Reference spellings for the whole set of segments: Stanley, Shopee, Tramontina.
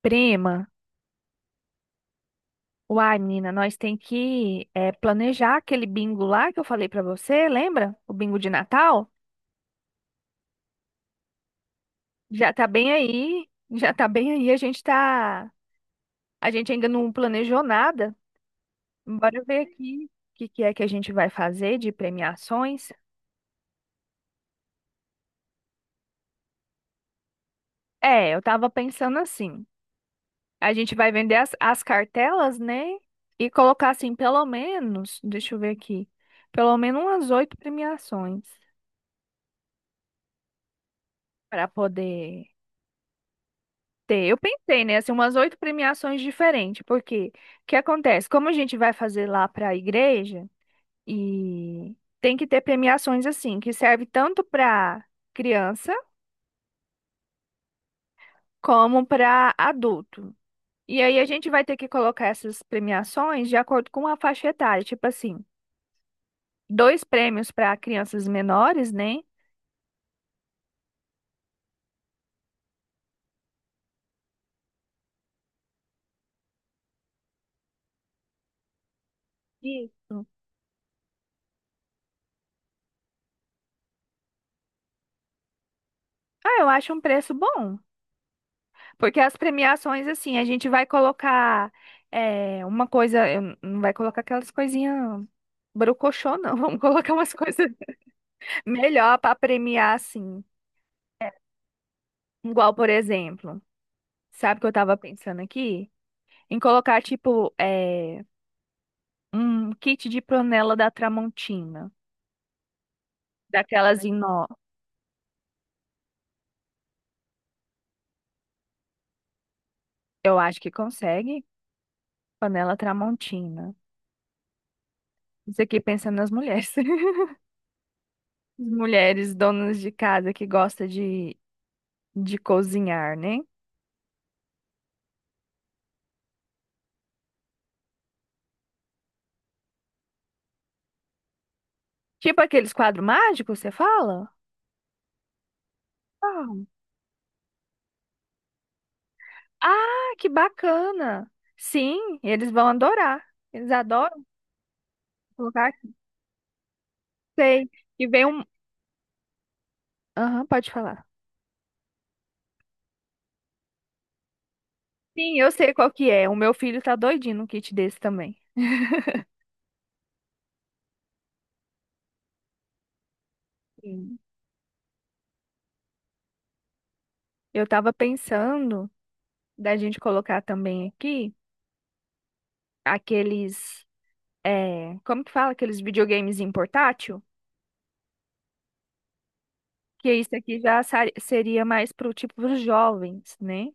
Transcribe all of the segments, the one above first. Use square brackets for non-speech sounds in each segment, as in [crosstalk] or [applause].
Prima, uai, menina, nós tem que planejar aquele bingo lá que eu falei pra você, lembra? O bingo de Natal? Já tá bem aí, já tá bem aí, a gente tá, a gente ainda não planejou nada. Bora ver aqui o que que é que a gente vai fazer de premiações. É, eu tava pensando assim, a gente vai vender as cartelas, né? E colocar assim, pelo menos, deixa eu ver aqui, pelo menos umas oito premiações para poder. Tem, eu pensei, né, assim, umas oito premiações diferentes, porque o que acontece? Como a gente vai fazer lá para a igreja, e tem que ter premiações assim, que serve tanto para criança como para adulto. E aí a gente vai ter que colocar essas premiações de acordo com a faixa etária, tipo assim, dois prêmios para crianças menores, né? Isso. Ah, eu acho um preço bom. Porque as premiações, assim, a gente vai colocar é, uma coisa, eu não vai colocar aquelas coisinhas brocochô, não. [laughs] Vamos colocar umas coisas melhor para premiar, assim. Igual, por exemplo, sabe o que eu tava pensando aqui? Em colocar, tipo, é, um kit de panela da Tramontina. Daquelas em nó. Eu acho que consegue. Panela Tramontina. Isso aqui pensando nas mulheres. [laughs] As mulheres donas de casa que gostam de cozinhar, né? Tipo aqueles quadros mágicos, você fala? Ah, ah, que bacana! Sim, eles vão adorar. Eles adoram colocar. Sei. E vem um. Aham, pode falar. Sim, eu sei qual que é. O meu filho tá doidinho num kit desse também. Sim. Eu tava pensando da gente colocar também aqui aqueles. É, como que fala? Aqueles videogames em portátil? Que isso aqui já seria mais pro tipo dos jovens, né?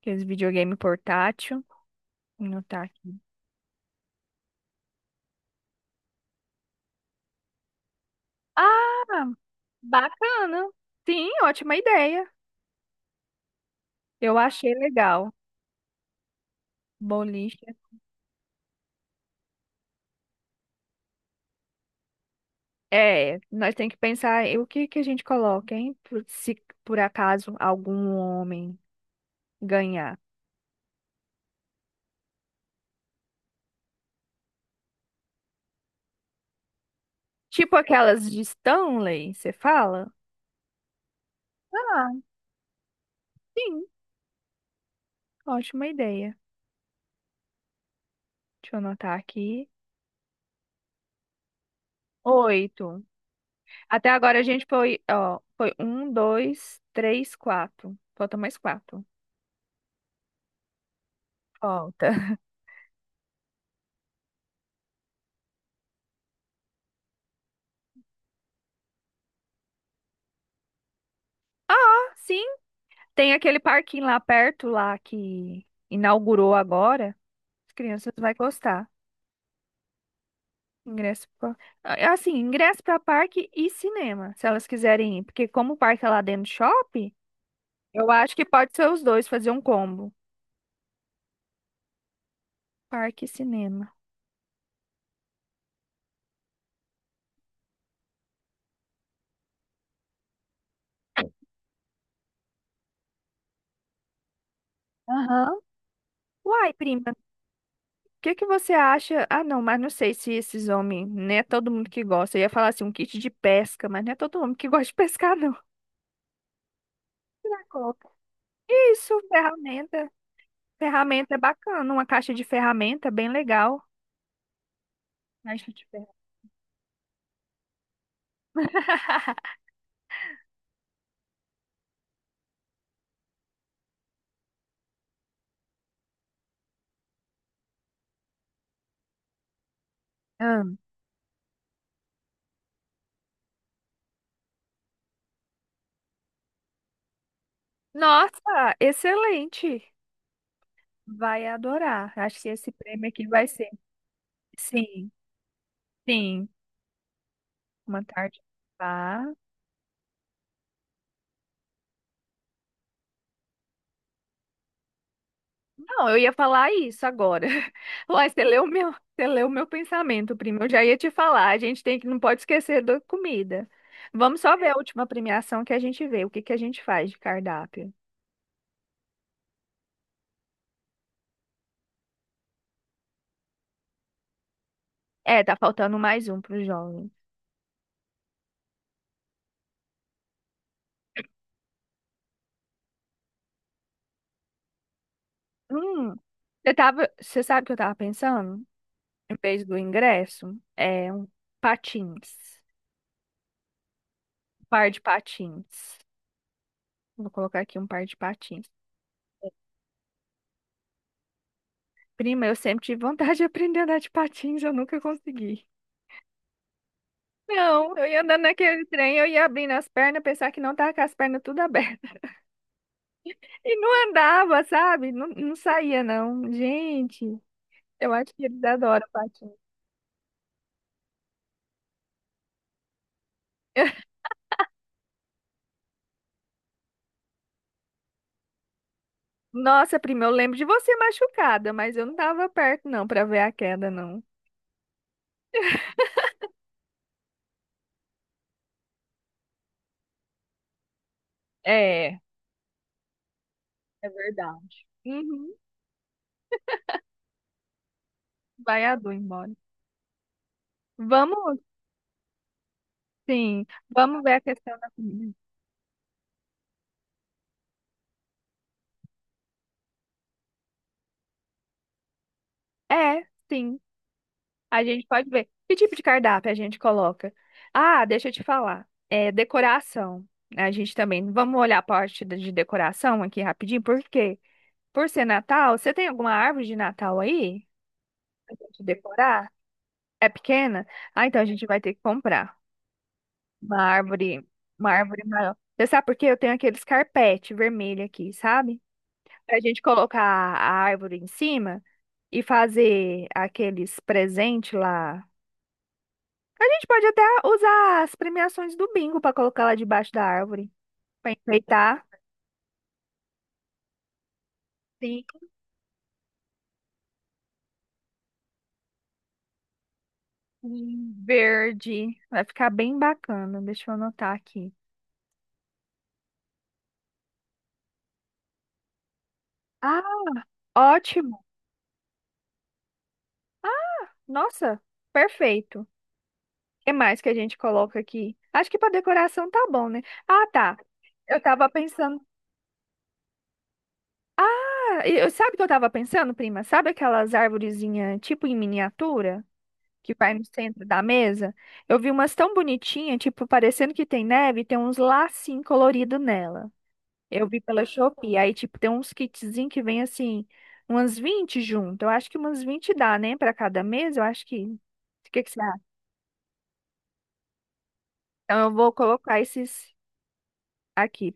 Aqueles videogame portátil. Não tá. Ah, bacana. Sim, ótima ideia. Eu achei legal. Boliche. É, nós temos que pensar em o que que a gente coloca, hein? Se por acaso algum homem ganhar. Tipo aquelas de Stanley, você fala? Ah, sim, ótima ideia. Deixa eu anotar aqui. Oito. Até agora a gente foi, ó, foi um, dois, três, quatro. Falta mais quatro. Falta. [laughs] Ah, sim. Tem aquele parquinho lá perto, lá que inaugurou agora. As crianças vão gostar. Ingresso pra... ah, assim, ingresso para parque e cinema, se elas quiserem ir. Porque como o parque é lá dentro do shopping, eu acho que pode ser os dois, fazer um combo. Parque e cinema. Aham. Uai, prima, o que que você acha? Ah, não, mas não sei se esses homens, não é todo mundo que gosta. Eu ia falar assim, um kit de pesca, mas não é todo homem que gosta de pescar, não. Pra colocar. Isso, ferramenta. Ferramenta é bacana, uma caixa de ferramenta é bem legal. Caixa de ferramenta. [laughs] Ah, nossa, excelente. Vai adorar. Acho que esse prêmio aqui vai ser. Sim, sim. Uma tarde. Ah, não, eu ia falar isso agora. [laughs] Uai, você leu o meu, você leu o meu pensamento, primo. Eu já ia te falar. A gente tem que, não pode esquecer da comida. Vamos só ver a última premiação que a gente vê. O que que a gente faz de cardápio? É, tá faltando mais um pro jovem. Hum, eu tava, você sabe o que eu tava pensando? Em vez do ingresso, é um patins, um par de patins. Vou colocar aqui um par de patins. Prima, eu sempre tive vontade de aprender a andar de patins, eu nunca consegui. Não, eu ia andando naquele trem, eu ia abrindo as pernas, pensar que não tava com as pernas tudo abertas. [laughs] E não andava, sabe? Não, não saía, não. Gente, eu acho que eles adoram patins. [laughs] Nossa, prima, eu lembro de você machucada, mas eu não tava perto, não, pra ver a queda, não. É, é verdade. Uhum, vai a Du embora. Vamos, sim, vamos ver a questão da comida. É, sim, a gente pode ver. Que tipo de cardápio a gente coloca? Ah, deixa eu te falar. É decoração. A gente também. Vamos olhar a parte de decoração aqui rapidinho, por quê? Por ser Natal, você tem alguma árvore de Natal aí? Pra gente decorar? É pequena? Ah, então a gente vai ter que comprar uma árvore, uma árvore maior. Você sabe por quê? Eu tenho aqueles carpete vermelho aqui, sabe? Pra gente colocar a árvore em cima e fazer aqueles presentes lá. A gente pode até usar as premiações do bingo para colocar lá debaixo da árvore, para enfeitar. Sim, em verde. Vai ficar bem bacana. Deixa eu anotar aqui. Ah, ótimo. Ah, nossa, perfeito. O que mais que a gente coloca aqui? Acho que para decoração tá bom, né? Ah, tá. Eu tava pensando. Ah, e eu, sabe o que eu tava pensando, prima? Sabe aquelas arvorezinhas, tipo em miniatura, que vai no centro da mesa? Eu vi umas tão bonitinhas, tipo, parecendo que tem neve, e tem uns lacinhos coloridos nela. Eu vi pela Shopee, aí, tipo, tem uns kitzinhos que vem, assim, umas 20 junto. Eu acho que umas 20 dá, né, pra cada mesa, eu acho que... O que que você acha? Então, eu vou colocar esses aqui.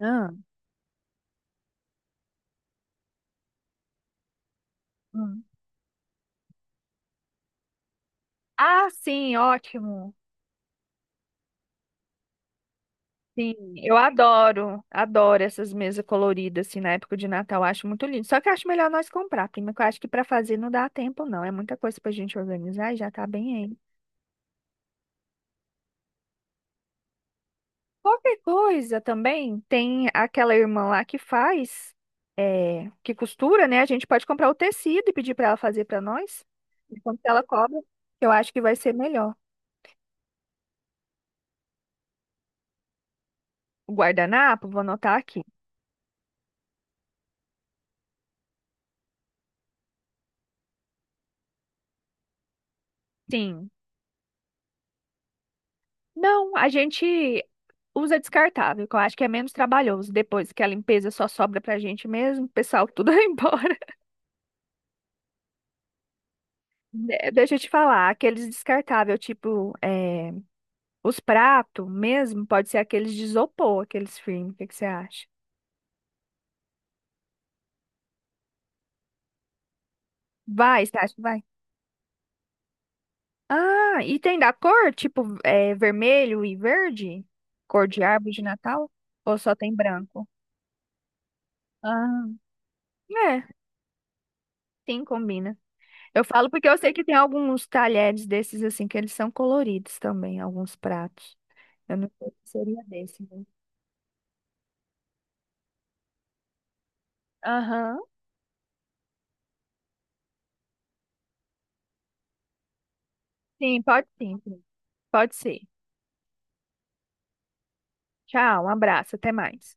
Ah, hum. Ah, sim, ótimo. Sim, eu adoro, adoro essas mesas coloridas, assim, na época de Natal, eu acho muito lindo. Só que eu acho melhor nós comprar, prima, que eu acho que para fazer não dá tempo, não. É muita coisa pra gente organizar e já tá bem aí. Qualquer coisa também, tem aquela irmã lá que faz, é, que costura, né? A gente pode comprar o tecido e pedir pra ela fazer pra nós, enquanto ela cobra, eu acho que vai ser melhor. O guardanapo, vou anotar aqui. Sim. Não, a gente usa descartável, que eu acho que é menos trabalhoso. Depois que a limpeza só sobra pra gente mesmo, o pessoal tudo [laughs] vai embora. Deixa eu te falar, aqueles descartáveis, tipo, é, os pratos mesmo, pode ser aqueles de isopor, aqueles firmes. O que que você acha? Vai, você acha que vai? Ah, e tem da cor, tipo, é, vermelho e verde? Cor de árvore de Natal? Ou só tem branco? Ah, é, sim, combina. Eu falo porque eu sei que tem alguns talheres desses assim que eles são coloridos também, alguns pratos. Eu não sei se seria desse, né? Aham. Sim, pode sim. Sim. Pode ser. Tchau, um abraço, até mais.